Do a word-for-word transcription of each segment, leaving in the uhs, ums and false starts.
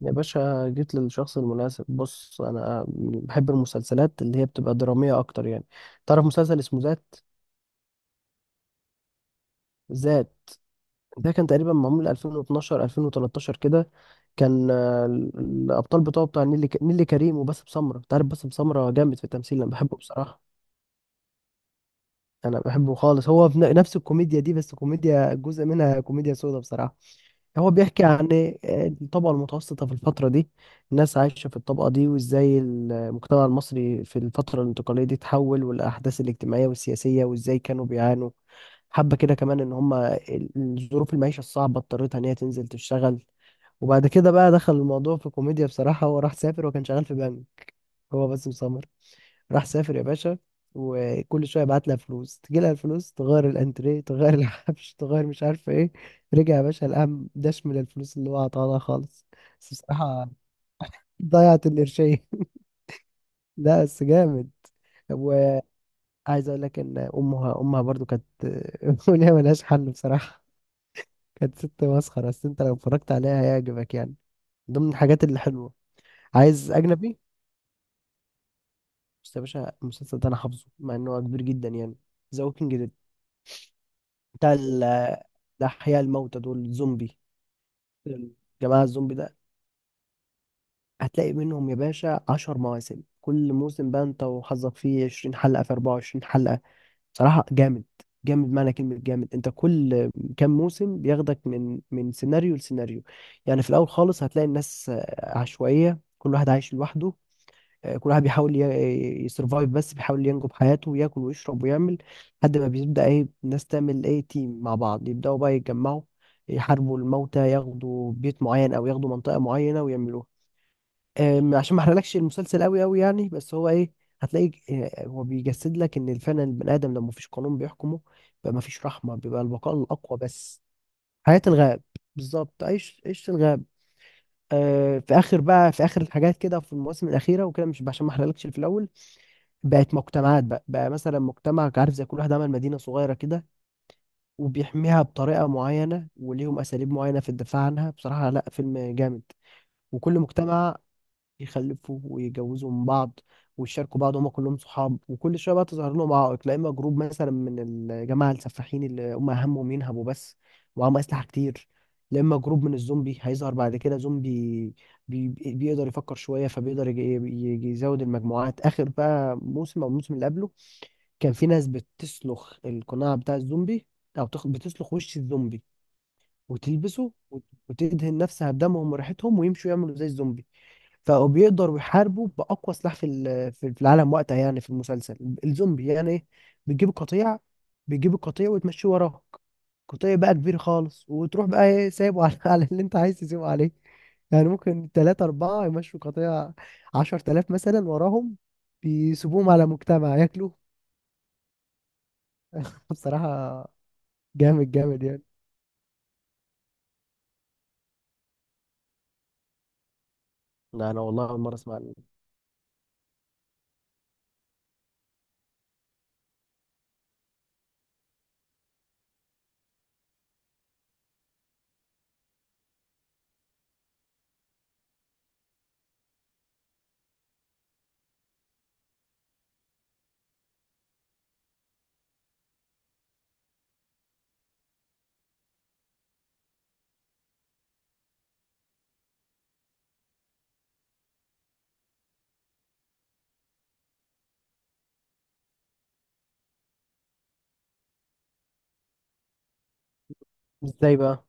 يا باشا، جيت للشخص المناسب. بص، انا بحب المسلسلات اللي هي بتبقى دراميه اكتر يعني. تعرف مسلسل اسمه ذات؟ ذات ده كان تقريبا معمول ألفين واثنا عشر ألفين وتلتاشر كده. كان آه، ال- الابطال بتوعه بتاع نيلي ك- نيلي كريم وباسم سمره. انت عارف باسم سمره جامد في التمثيل، انا بحبه بصراحه. انا بحبه خالص، هو في ن- نفس الكوميديا دي، بس كوميديا جزء منها كوميديا سودا بصراحه. هو بيحكي عن إيه؟ الطبقة المتوسطة في الفترة دي، الناس عايشة في الطبقة دي، وازاي المجتمع المصري في الفترة الانتقالية دي اتحول، والأحداث الاجتماعية والسياسية، وازاي كانوا بيعانوا. حبة كده كمان إن هما ال- ظروف المعيشة الصعبة اضطرتها إن هي تنزل تشتغل. وبعد كده بقى دخل الموضوع في كوميديا بصراحة. هو راح سافر وكان شغال في بنك، هو باسم سمرة. راح سافر يا باشا، وكل شويه بعت لها فلوس، تجي لها الفلوس تغير الانتريه، تغير الحبش، تغير مش عارفه ايه. رجع يا باشا القام داش من الفلوس اللي هو عطاها لها خالص. بس بصراحه ضيعت القرشين لا بس جامد. وعايز اقول لك ان امها امها برضو كانت وليها ملهاش حل بصراحه. كانت ست مسخره، بس انت لو اتفرجت عليها هيعجبك يعني. ضمن الحاجات اللي حلوه. عايز اجنبي. بس يا باشا المسلسل ده انا حافظه مع انه كبير جدا يعني. ذا ووكينج. بتاع ال- الأحياء الموتى دول الزومبي. الجماعة الزومبي ده هتلاقي منهم يا باشا عشر مواسم، كل موسم بقى انت وحظك فيه عشرين حلقة في أربعة وعشرين حلقة. بصراحة جامد، جامد معنى كلمة جامد. انت كل كام موسم بياخدك من من سيناريو لسيناريو. يعني في الأول خالص هتلاقي الناس آه، عشوائية، كل واحد عايش لوحده. آه، كل واحد بيحاول ي- يسرفايف، بس بيحاول ينجو بحياته وياكل ويشرب ويعمل. لحد ما بيبدأ ايه، الناس تعمل ايه، تيم مع بعض، يبدأوا بقى يتجمعوا، يحاربوا الموتى، ياخدوا بيت معين او ياخدوا منطقة معينة ويعملوها. آم، عشان ما احرقلكش المسلسل قوي قوي يعني، بس هو ايه، هتلاقي آه، هو بيجسد لك ان فعلا البني ادم لما مفيش قانون بيحكمه بيبقى مفيش رحمة، بيبقى البقاء الاقوى بس. حياة الغاب. بالظبط عيش عيش الغاب. آه، في اخر بقى، في اخر الحاجات كده في المواسم الاخيره وكده، مش عشان ما احرقلكش اللي في الاول. بقت مجتمعات بقى, بقى مثلا مجتمع، عارف، زي كل واحد عمل مدينة صغيرة كده وبيحميها بطريقة معينة وليهم أساليب معينة في الدفاع عنها. بصراحة لا، فيلم جامد. وكل مجتمع يخلفوا ويجوزوا من بعض ويشاركوا بعض، هما كلهم صحاب. وكل شوية بقى تظهر لهم عائق، لا إما جروب مثلا من الجماعة السفاحين اللي هما همهم ينهبوا بس ومعاهم أسلحة كتير، لا إما جروب من الزومبي هيظهر بعد كده. زومبي بي بي- بيقدر يفكر شوية، فبيقدر يجي، يجي يزود المجموعات. آخر بقى موسم أو الموسم اللي قبله كان في ناس بتسلخ القناع بتاع الزومبي، او تخ- بتسلخ وش الزومبي وتلبسه وت- وتدهن نفسها بدمهم وريحتهم ويمشوا يعملوا زي الزومبي. فبقوا بيقدروا يحاربوا باقوى سلاح في ال- في في العالم وقتها يعني في المسلسل، الزومبي يعني ايه. بتجيب قطيع، بيجيب القطيع وتمشيه وراك. قطيع بقى كبير خالص، وتروح بقى ايه سايبه على على اللي انت عايز تسيبه عليه. يعني ممكن تلاتة أربعة يمشوا قطيع عشر تلاف مثلا وراهم، بيسيبوهم على مجتمع ياكلوا. بصراحة جامد، جامد يعني. لا انا والله اول مره اسمع عنه. ازاي بقى؟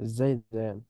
ازاي ده يعني؟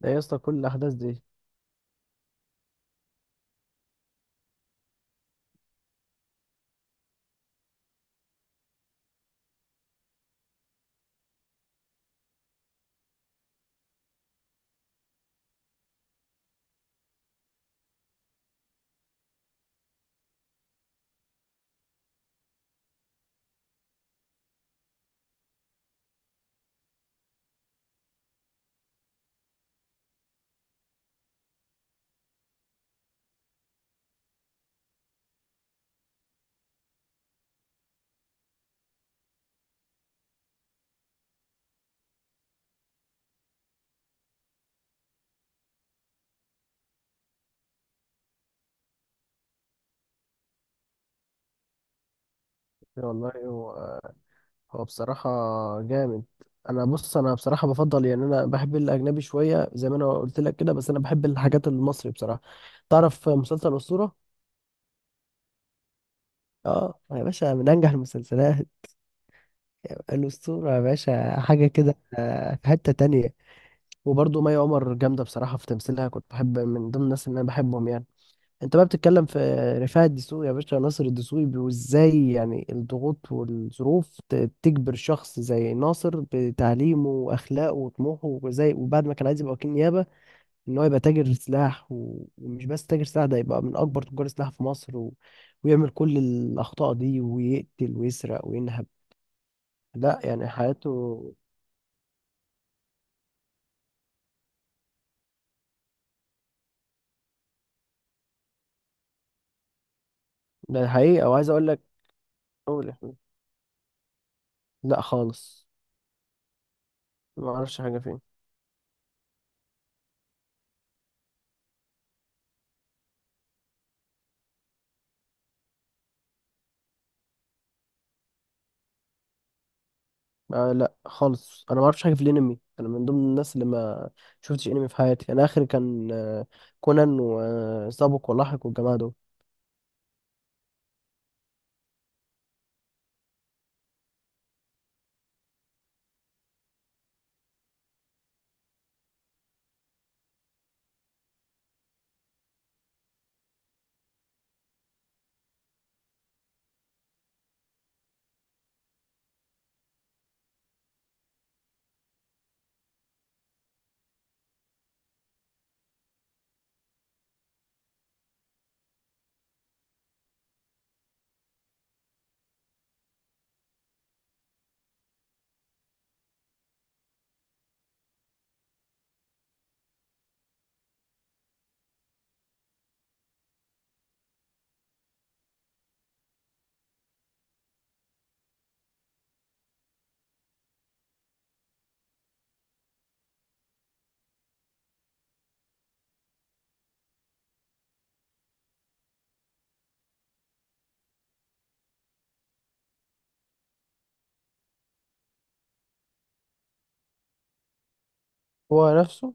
ده يا اسطى كل الاحداث دي. والله هو هو بصراحه جامد. انا بص، انا بصراحه بفضل يعني، انا بحب الاجنبي شويه زي ما انا قلت لك كده، بس انا بحب الحاجات المصري بصراحه. تعرف مسلسل اسطوره. اه يا باشا من انجح المسلسلات. الاسطوره يا باشا حاجه كده، آه، في حته تانية. وبرضه مي عمر جامده بصراحه في تمثيلها، كنت بحب من ضمن الناس اللي انا بحبهم يعني. انت بقى بتتكلم في رفاعي الدسوقي، يا باشا ناصر الدسوقي، وازاي يعني الضغوط والظروف ت- تجبر شخص زي ناصر بتعليمه واخلاقه وطموحه وزي، وبعد ما كان عايز يبقى وكيل نيابه، ان هو يبقى تاجر سلاح، و ومش بس تاجر سلاح، ده يبقى من اكبر تجار السلاح في مصر، و ويعمل كل الاخطاء دي ويقتل ويسرق وينهب، لا يعني حياته. ده حقيقه وعايز اقول لك. قول يا حبيبي. لا خالص، ما اعرفش حاجه فيه. آه لا خالص، انا ما اعرفش حاجه في الانمي. انا من ضمن الناس اللي ما شفتش انمي في حياتي. انا اخر كان آه، كونان وسابق ولاحق والجماعه دول. هو نفسه.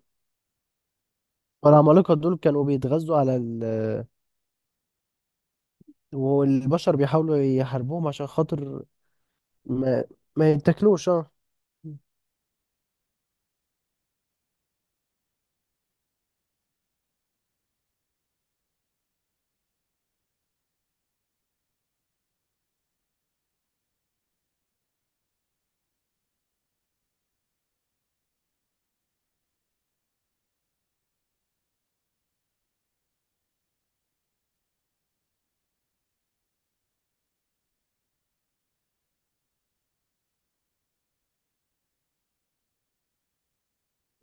والعمالقه دول كانوا بيتغذوا على ال، والبشر بيحاولوا يحاربوهم عشان خاطر ما ما يتاكلوش. اه.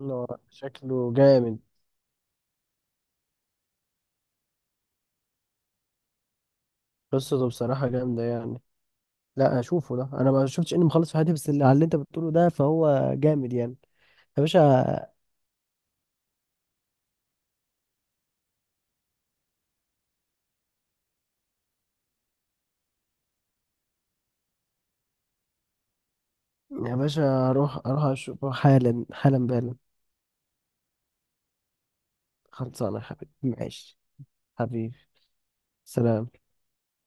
إنه شكله جامد. قصته بصراحه جامده يعني. لا اشوفه ده، انا ما شفتش انمي خالص في حياتي، بس اللي على اللي انت بتقوله ده فهو جامد يعني. يا باشا، يا باشا اروح اروح اشوفه حالا حالا بالا. خلصانة يا حبيبي، ماشي. حبيبي. سلام.